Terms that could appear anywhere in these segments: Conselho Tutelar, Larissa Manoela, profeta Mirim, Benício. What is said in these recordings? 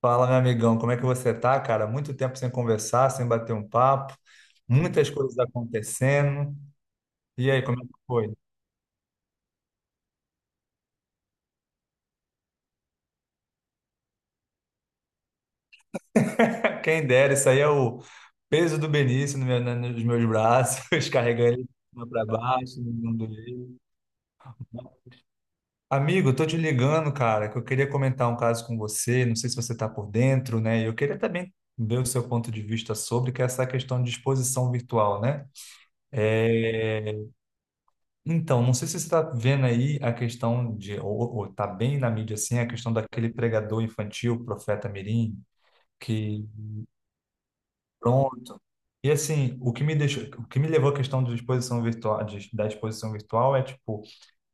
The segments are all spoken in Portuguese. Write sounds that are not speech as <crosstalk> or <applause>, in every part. Fala, meu amigão, como é que você tá, cara? Muito tempo sem conversar, sem bater um papo, muitas coisas acontecendo. E aí, como é que foi? <laughs> Quem dera, isso aí é o peso do Benício no meu- na- nos meus braços, <laughs> carregando ele para baixo, não doeu. Amigo, eu tô te ligando, cara, que eu queria comentar um caso com você, não sei se você está por dentro, né? E eu queria também ver o seu ponto de vista sobre, que é essa questão de exposição virtual, né? É, então, não sei se você está vendo aí a questão ou tá bem na mídia assim, a questão daquele pregador infantil, profeta Mirim, que pronto. E assim, o que me levou à questão de exposição virtual, da exposição virtual é tipo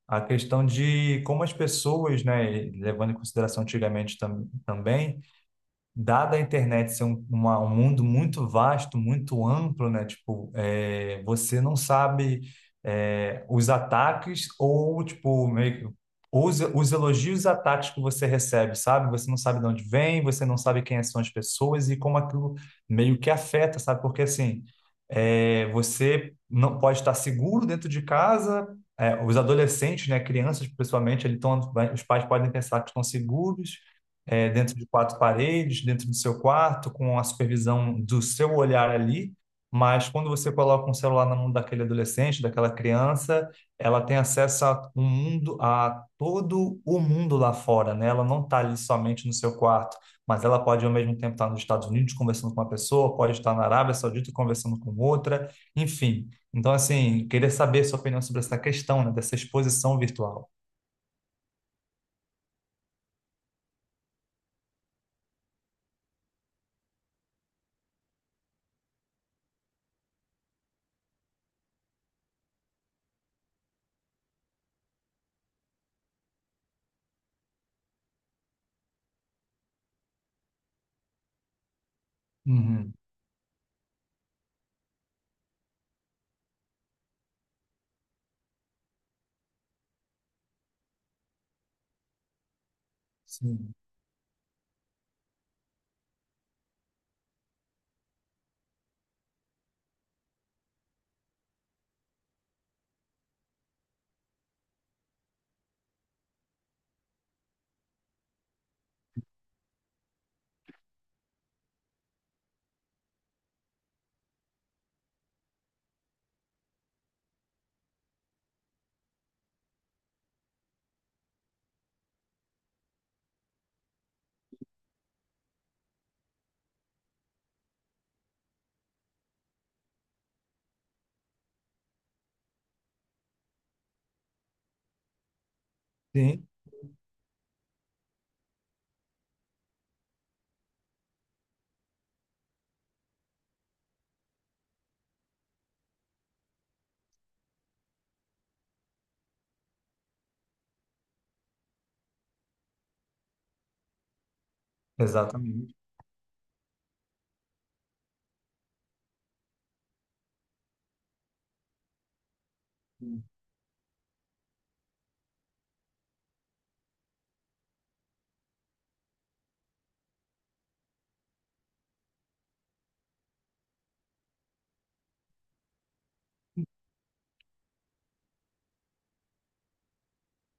a questão de como as pessoas, né, levando em consideração antigamente também dada a internet ser um mundo muito vasto, muito amplo, né? Tipo, você não sabe os ataques ou, tipo, meio que os elogios e os ataques que você recebe, sabe? Você não sabe de onde vem, você não sabe quem são as pessoas e como aquilo meio que afeta, sabe? Porque, assim, você não pode estar seguro dentro de casa, os adolescentes, né, crianças, principalmente, eles tão, os pais podem pensar que estão seguros, dentro de quatro paredes, dentro do seu quarto, com a supervisão do seu olhar ali. Mas quando você coloca um celular na mão daquele adolescente, daquela criança, ela tem acesso a um mundo, a todo o mundo lá fora, né? Ela não está ali somente no seu quarto, mas ela pode ao mesmo tempo estar nos Estados Unidos conversando com uma pessoa, pode estar na Arábia Saudita conversando com outra, enfim. Então, assim, queria saber sua opinião sobre essa questão, né, dessa exposição virtual. Uhum. Sim. Sim, exatamente.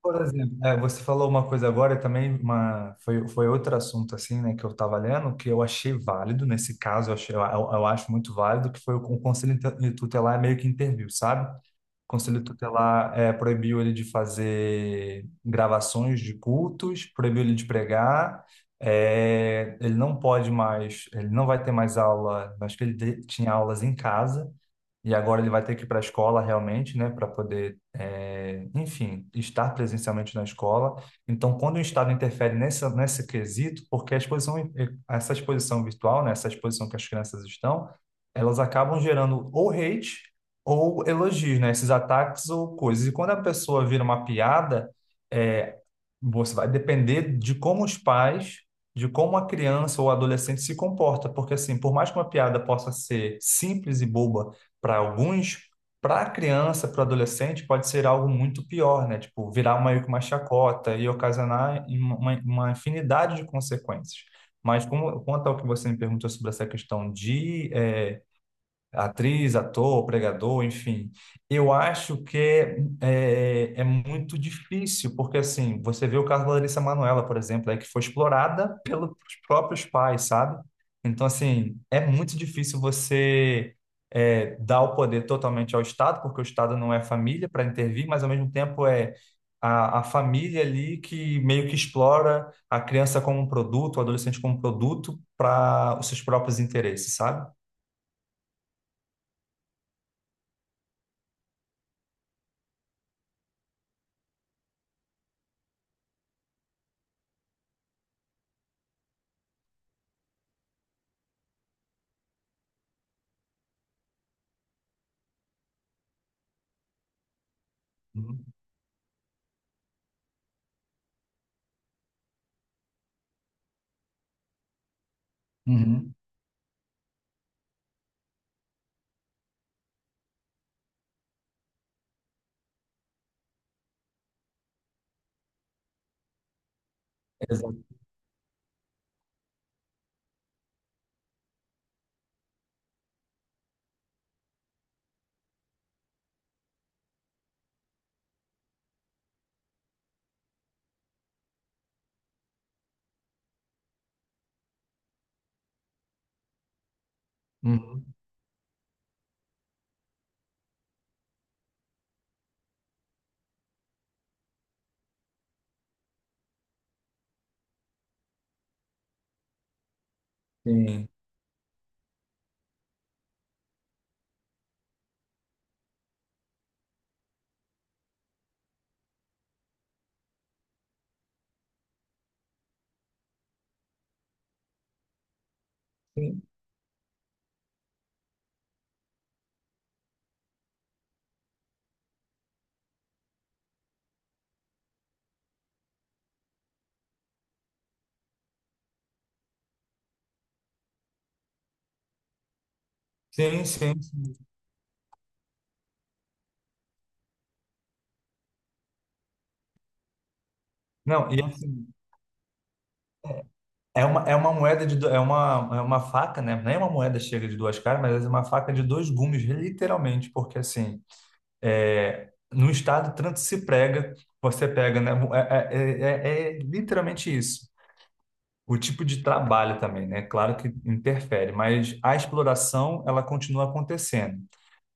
Por exemplo, você falou uma coisa agora e também foi outro assunto assim, né, que eu estava lendo, que eu achei válido, nesse caso, eu acho muito válido, que foi o Conselho Tutelar meio que interviu, sabe? O Conselho Tutelar proibiu ele de fazer gravações de cultos, proibiu ele de pregar, ele não pode mais, ele não vai ter mais aula, acho que ele tinha aulas em casa, e agora ele vai ter que ir para a escola realmente, né, para poder, enfim, estar presencialmente na escola. Então, quando o Estado interfere nesse quesito, porque a exposição, essa exposição virtual, né, essa exposição que as crianças estão, elas acabam gerando ou hate ou elogios, né, esses ataques ou coisas. E quando a pessoa vira uma piada, eh, você vai depender de como os pais, de como a criança ou adolescente se comporta. Porque, assim, por mais que uma piada possa ser simples e boba, para alguns, para a criança, para o adolescente, pode ser algo muito pior, né? Tipo, virar uma que uma chacota e ocasionar em uma infinidade de consequências. Mas como, quanto ao que você me perguntou sobre essa questão de atriz, ator, pregador, enfim. Eu acho que é muito difícil, porque assim, você vê o caso da Larissa Manoela, por exemplo, é que foi explorada pelos próprios pais, sabe? Então, assim, é muito difícil você dar o poder totalmente ao Estado, porque o Estado não é família para intervir, mas ao mesmo tempo é a família ali que meio que explora a criança como um produto, o adolescente como um produto para os seus próprios interesses, sabe? Uhum. Exato. Uhum. Sim. Sim, sim, sim. Sim. Não, e assim, é uma moeda de, do- é uma faca, né? Nem é uma moeda chega de duas caras, mas é uma faca de dois gumes, literalmente, porque assim, no estado tanto se prega, você pega, né? É literalmente isso. O tipo de trabalho também, né? Claro que interfere, mas a exploração ela continua acontecendo.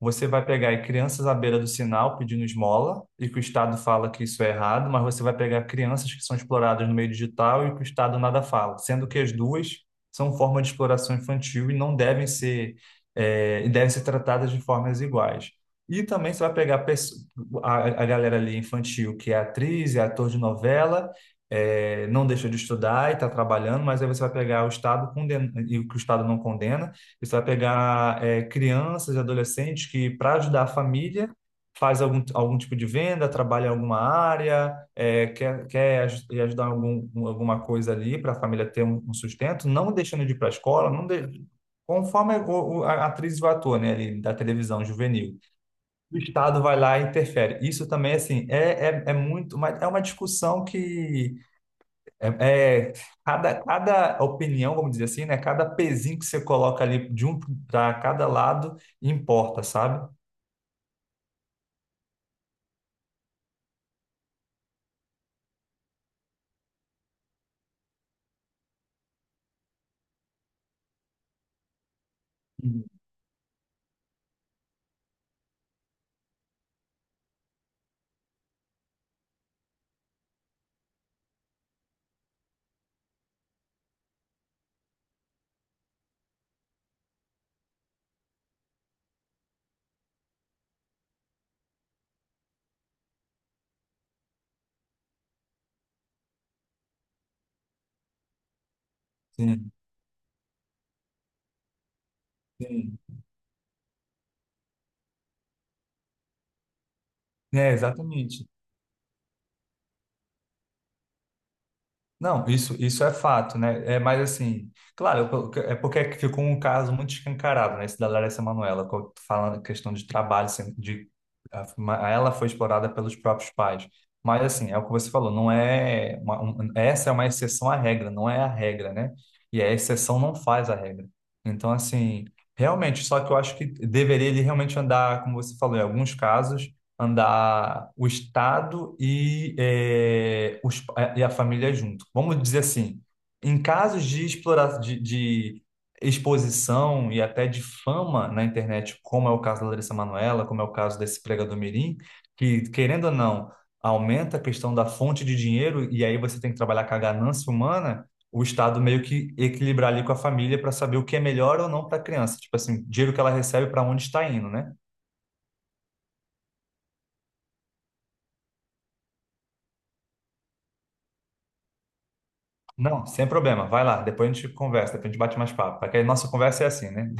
Você vai pegar aí crianças à beira do sinal pedindo esmola e que o Estado fala que isso é errado, mas você vai pegar crianças que são exploradas no meio digital e que o Estado nada fala, sendo que as duas são forma de exploração infantil e não devem ser e devem ser tratadas de formas iguais. E também você vai pegar a, a galera ali infantil que é atriz, é ator de novela não deixou de estudar e está trabalhando, mas aí você vai pegar o Estado condena, e o que o Estado não condena, e você vai pegar crianças e adolescentes que, para ajudar a família, faz algum tipo de venda, trabalha em alguma área, quer ajudar em alguma coisa ali para a família ter um sustento, não deixando de ir para a escola, não conforme a atriz vai ator, né, ali, da televisão juvenil. O Estado vai lá e interfere. Isso também, assim, é muito. Mas é uma discussão que é, é, cada opinião, vamos dizer assim, né? Cada pezinho que você coloca ali de um para cada lado importa, sabe? Uhum. Sim, sim. É, exatamente. Não, isso é fato, né? É, mas assim, claro, é porque ficou um caso muito escancarado, né? Esse da Larissa Manoela, falando a questão de trabalho, assim, ela foi explorada pelos próprios pais. Mas assim, é o que você falou, não é uma, essa é uma exceção à regra, não é a regra, né? E a exceção não faz a regra. Então, assim, realmente, só que eu acho que deveria ele realmente andar, como você falou, em alguns casos andar o Estado e, e a família junto. Vamos dizer assim, em casos de exploração, de exposição e até de fama na internet, como é o caso da Larissa Manoela, como é o caso desse pregador mirim, que, querendo ou não, aumenta a questão da fonte de dinheiro e aí você tem que trabalhar com a ganância humana, o Estado meio que equilibrar ali com a família para saber o que é melhor ou não para a criança. Tipo assim, dinheiro que ela recebe para onde está indo, né? Não, sem problema. Vai lá, depois a gente conversa, depois a gente bate mais papo. Porque a nossa conversa é assim, né?